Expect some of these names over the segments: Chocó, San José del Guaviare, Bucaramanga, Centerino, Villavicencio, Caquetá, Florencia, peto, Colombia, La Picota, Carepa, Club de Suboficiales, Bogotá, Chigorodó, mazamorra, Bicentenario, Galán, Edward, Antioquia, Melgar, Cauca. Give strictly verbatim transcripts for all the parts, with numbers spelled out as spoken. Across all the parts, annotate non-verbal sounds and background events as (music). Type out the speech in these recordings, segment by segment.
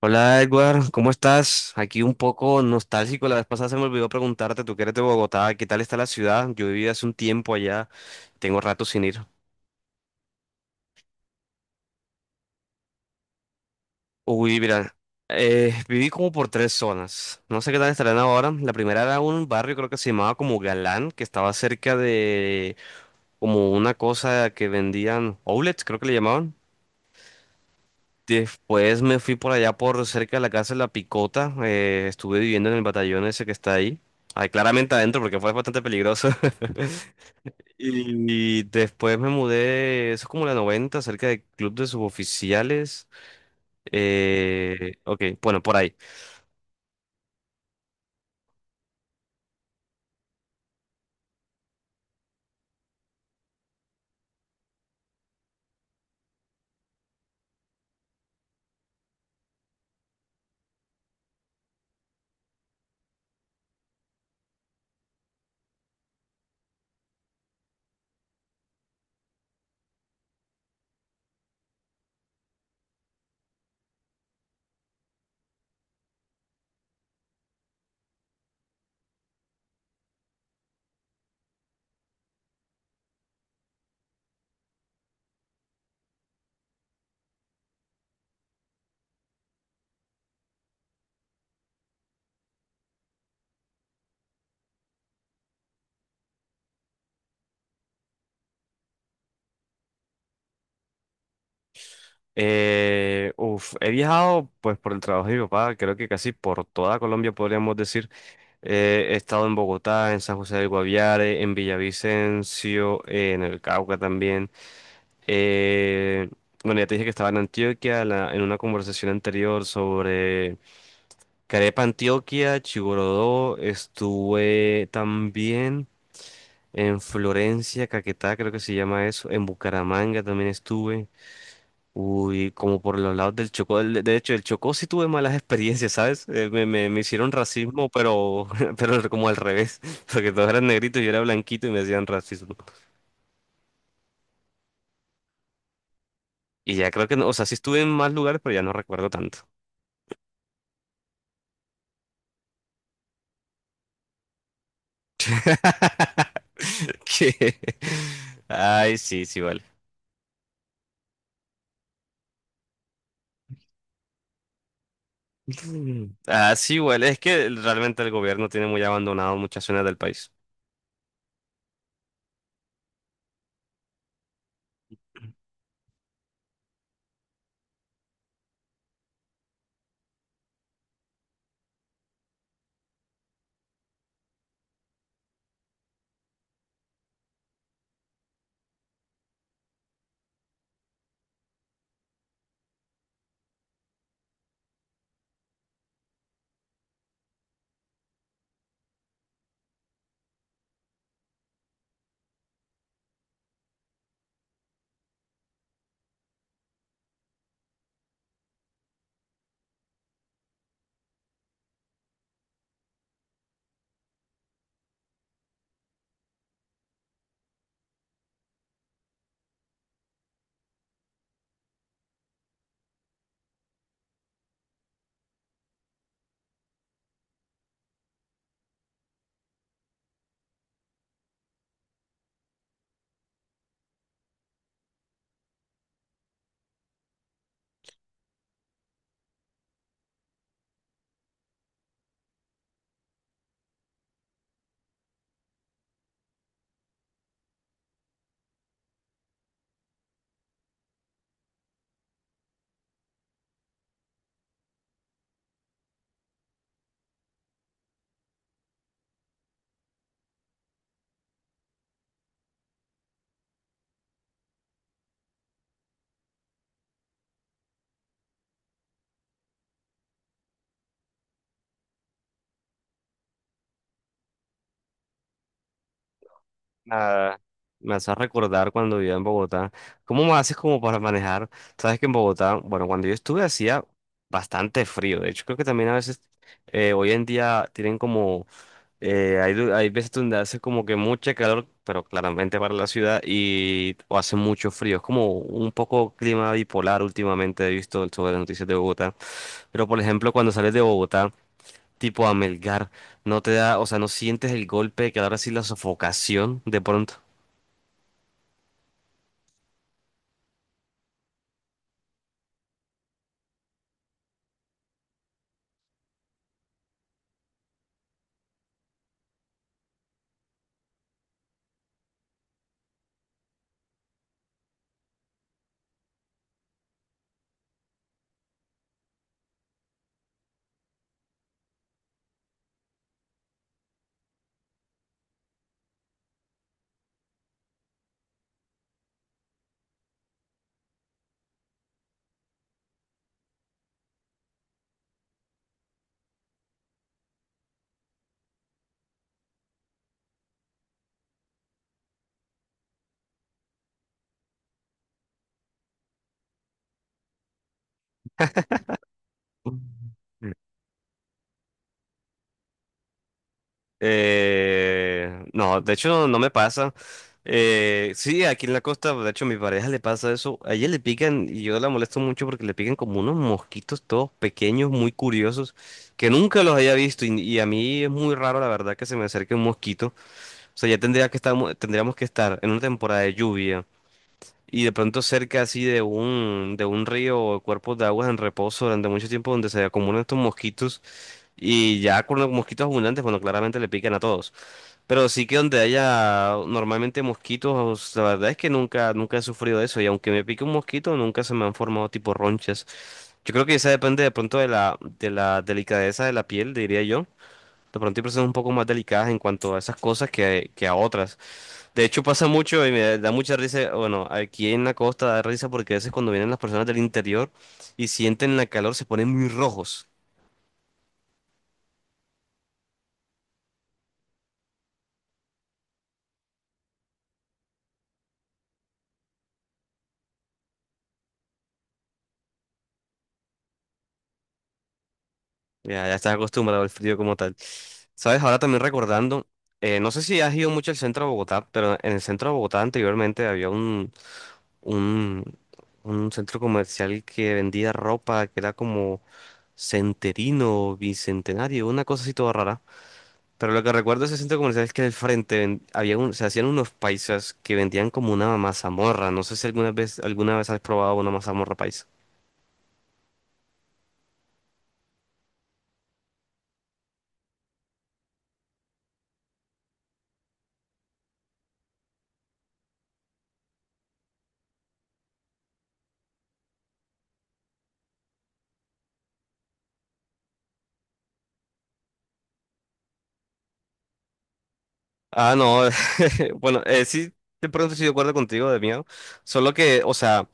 Hola Edward, ¿cómo estás? Aquí un poco nostálgico, la vez pasada se me olvidó preguntarte, tú que eres de Bogotá, ¿qué tal está la ciudad? Yo viví hace un tiempo allá, tengo rato sin ir. Uy, mira, eh, viví como por tres zonas, no sé qué tal estarán ahora. La primera era un barrio, creo que se llamaba como Galán, que estaba cerca de como una cosa que vendían outlets, creo que le llamaban. Después me fui por allá por cerca de la casa de La Picota, eh, estuve viviendo en el batallón ese que está ahí. Ay, claramente adentro porque fue bastante peligroso. Y después me mudé, eso es como la noventa cerca del Club de Suboficiales. Eh, ok, bueno, por ahí. Eh, uf, he viajado pues por el trabajo de mi papá, creo que casi por toda Colombia podríamos decir. Eh, he estado en Bogotá, en San José del Guaviare, en Villavicencio, eh, en el Cauca también. Eh, bueno, ya te dije que estaba en Antioquia la- en una conversación anterior sobre Carepa Antioquia, Chigorodó, estuve también en Florencia, Caquetá, creo que se llama eso, en Bucaramanga también estuve. Uy, como por los lados del Chocó, de de hecho, el Chocó sí tuve malas (laughs) experiencias, ¿sabes? Eh, me, me- me hicieron racismo, pero, (laughs) pero como al revés, (laughs) porque todos eran negritos y yo era blanquito y me hacían racismo. Y ya creo que no, o sea, sí estuve en más lugares, pero ya no recuerdo tanto. (laughs) ¿Qué? Ay, sí, sí, vale. Ah, sí, güey, es que realmente el gobierno tiene muy abandonado muchas zonas del país. Ah, me hace recordar cuando vivía en Bogotá. ¿Cómo me haces como para manejar? Sabes que en Bogotá, bueno, cuando yo estuve hacía bastante frío. De hecho, creo que también a veces eh, hoy en día tienen como, eh, hay, du- hay veces donde hace como que mucho calor, pero claramente para la ciudad y o hace mucho frío. Es como un poco clima bipolar últimamente he visto sobre las noticias de Bogotá. Pero por ejemplo, cuando sales de Bogotá tipo a Melgar, no te da, o sea, no sientes el golpe de que ahora sí la sofocación de pronto. Eh, no, de hecho no, no me pasa. Eh, sí, aquí en la costa, de hecho, a mi pareja le pasa eso. A ella le pican, y yo la molesto mucho porque le pican como unos mosquitos todos pequeños, muy curiosos, que nunca los había visto. Y, y a mí es muy raro, la verdad, que se me acerque un mosquito. O sea, ya tendría que estar, tendríamos que estar en una temporada de lluvia. Y de pronto cerca así de un, de un río o cuerpos de aguas en reposo durante mucho tiempo donde se acumulan estos mosquitos y ya con los mosquitos abundantes, bueno, claramente le pican a todos. Pero sí que donde haya normalmente mosquitos, la verdad es que nunca, nunca he sufrido eso y aunque me pique un mosquito, nunca se me han formado tipo ronchas. Yo creo que eso depende de pronto de la, de la delicadeza de la piel, diría yo. De pronto hay personas un poco más delicadas en cuanto a esas cosas que, que a otras. De hecho pasa mucho y me da mucha risa, bueno, aquí en la costa da risa porque a veces cuando vienen las personas del interior y sienten la calor se ponen muy rojos. Ya, ya estás acostumbrado al frío como tal. Sabes, ahora también recordando, eh, no sé si has ido mucho al centro de Bogotá, pero en el centro de Bogotá anteriormente había un, un, un centro comercial que vendía ropa que era como Centerino, Bicentenario, una cosa así toda rara. Pero lo que recuerdo de ese centro comercial es que al frente ven- había un, se hacían unos paisas que vendían como una mazamorra. No sé si alguna vez, alguna vez has probado una mazamorra paisa. Ah, no. (laughs) Bueno, eh, sí, de pronto estoy de acuerdo contigo, de miedo. Solo que, o sea,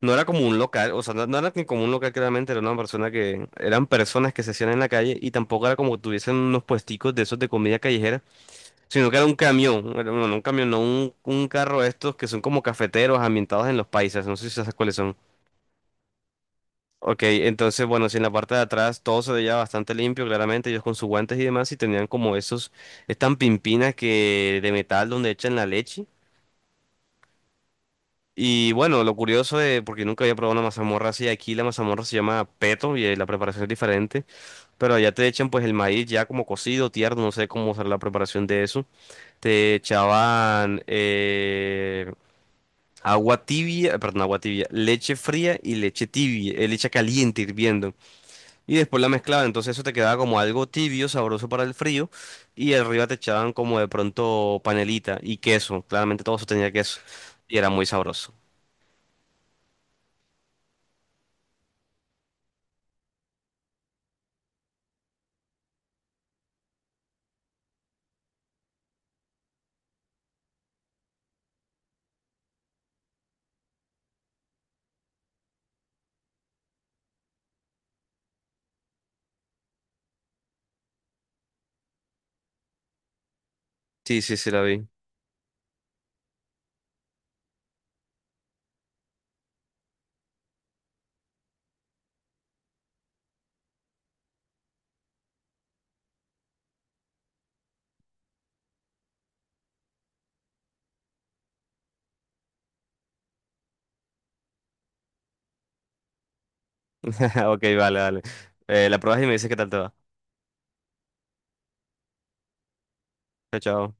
no era como un local, o sea, no, no era ni como un local claramente, era una persona que, eran personas que se hacían en la calle y tampoco era como que tuviesen unos puesticos de esos de comida callejera, sino que era un camión, era- bueno, no un camión, no un, un carro de estos que son como cafeteros ambientados en los paisas, no sé si sabes cuáles son. Ok, entonces, bueno, si en la parte de atrás todo se veía bastante limpio, claramente, ellos con sus guantes y demás, y tenían como esos, estas pimpinas que de metal donde echan la leche. Y bueno, lo curioso de, porque nunca había probado una mazamorra así, aquí la mazamorra se llama peto y eh, la preparación es diferente, pero allá te echan pues el maíz ya como cocido, tierno, no sé cómo será la preparación de eso. Te echaban eh, agua tibia, perdón, agua tibia, leche fría y leche tibia, eh, leche caliente hirviendo. Y después la mezclaban, entonces eso te quedaba como algo tibio, sabroso para el frío, y arriba te echaban como de pronto panelita y queso, claramente todo eso tenía queso, y era muy sabroso. Sí, sí, sí, la vi. (laughs) Ok, vale, vale. Eh, la pruebas y me dices qué tal te va. Chao, chao.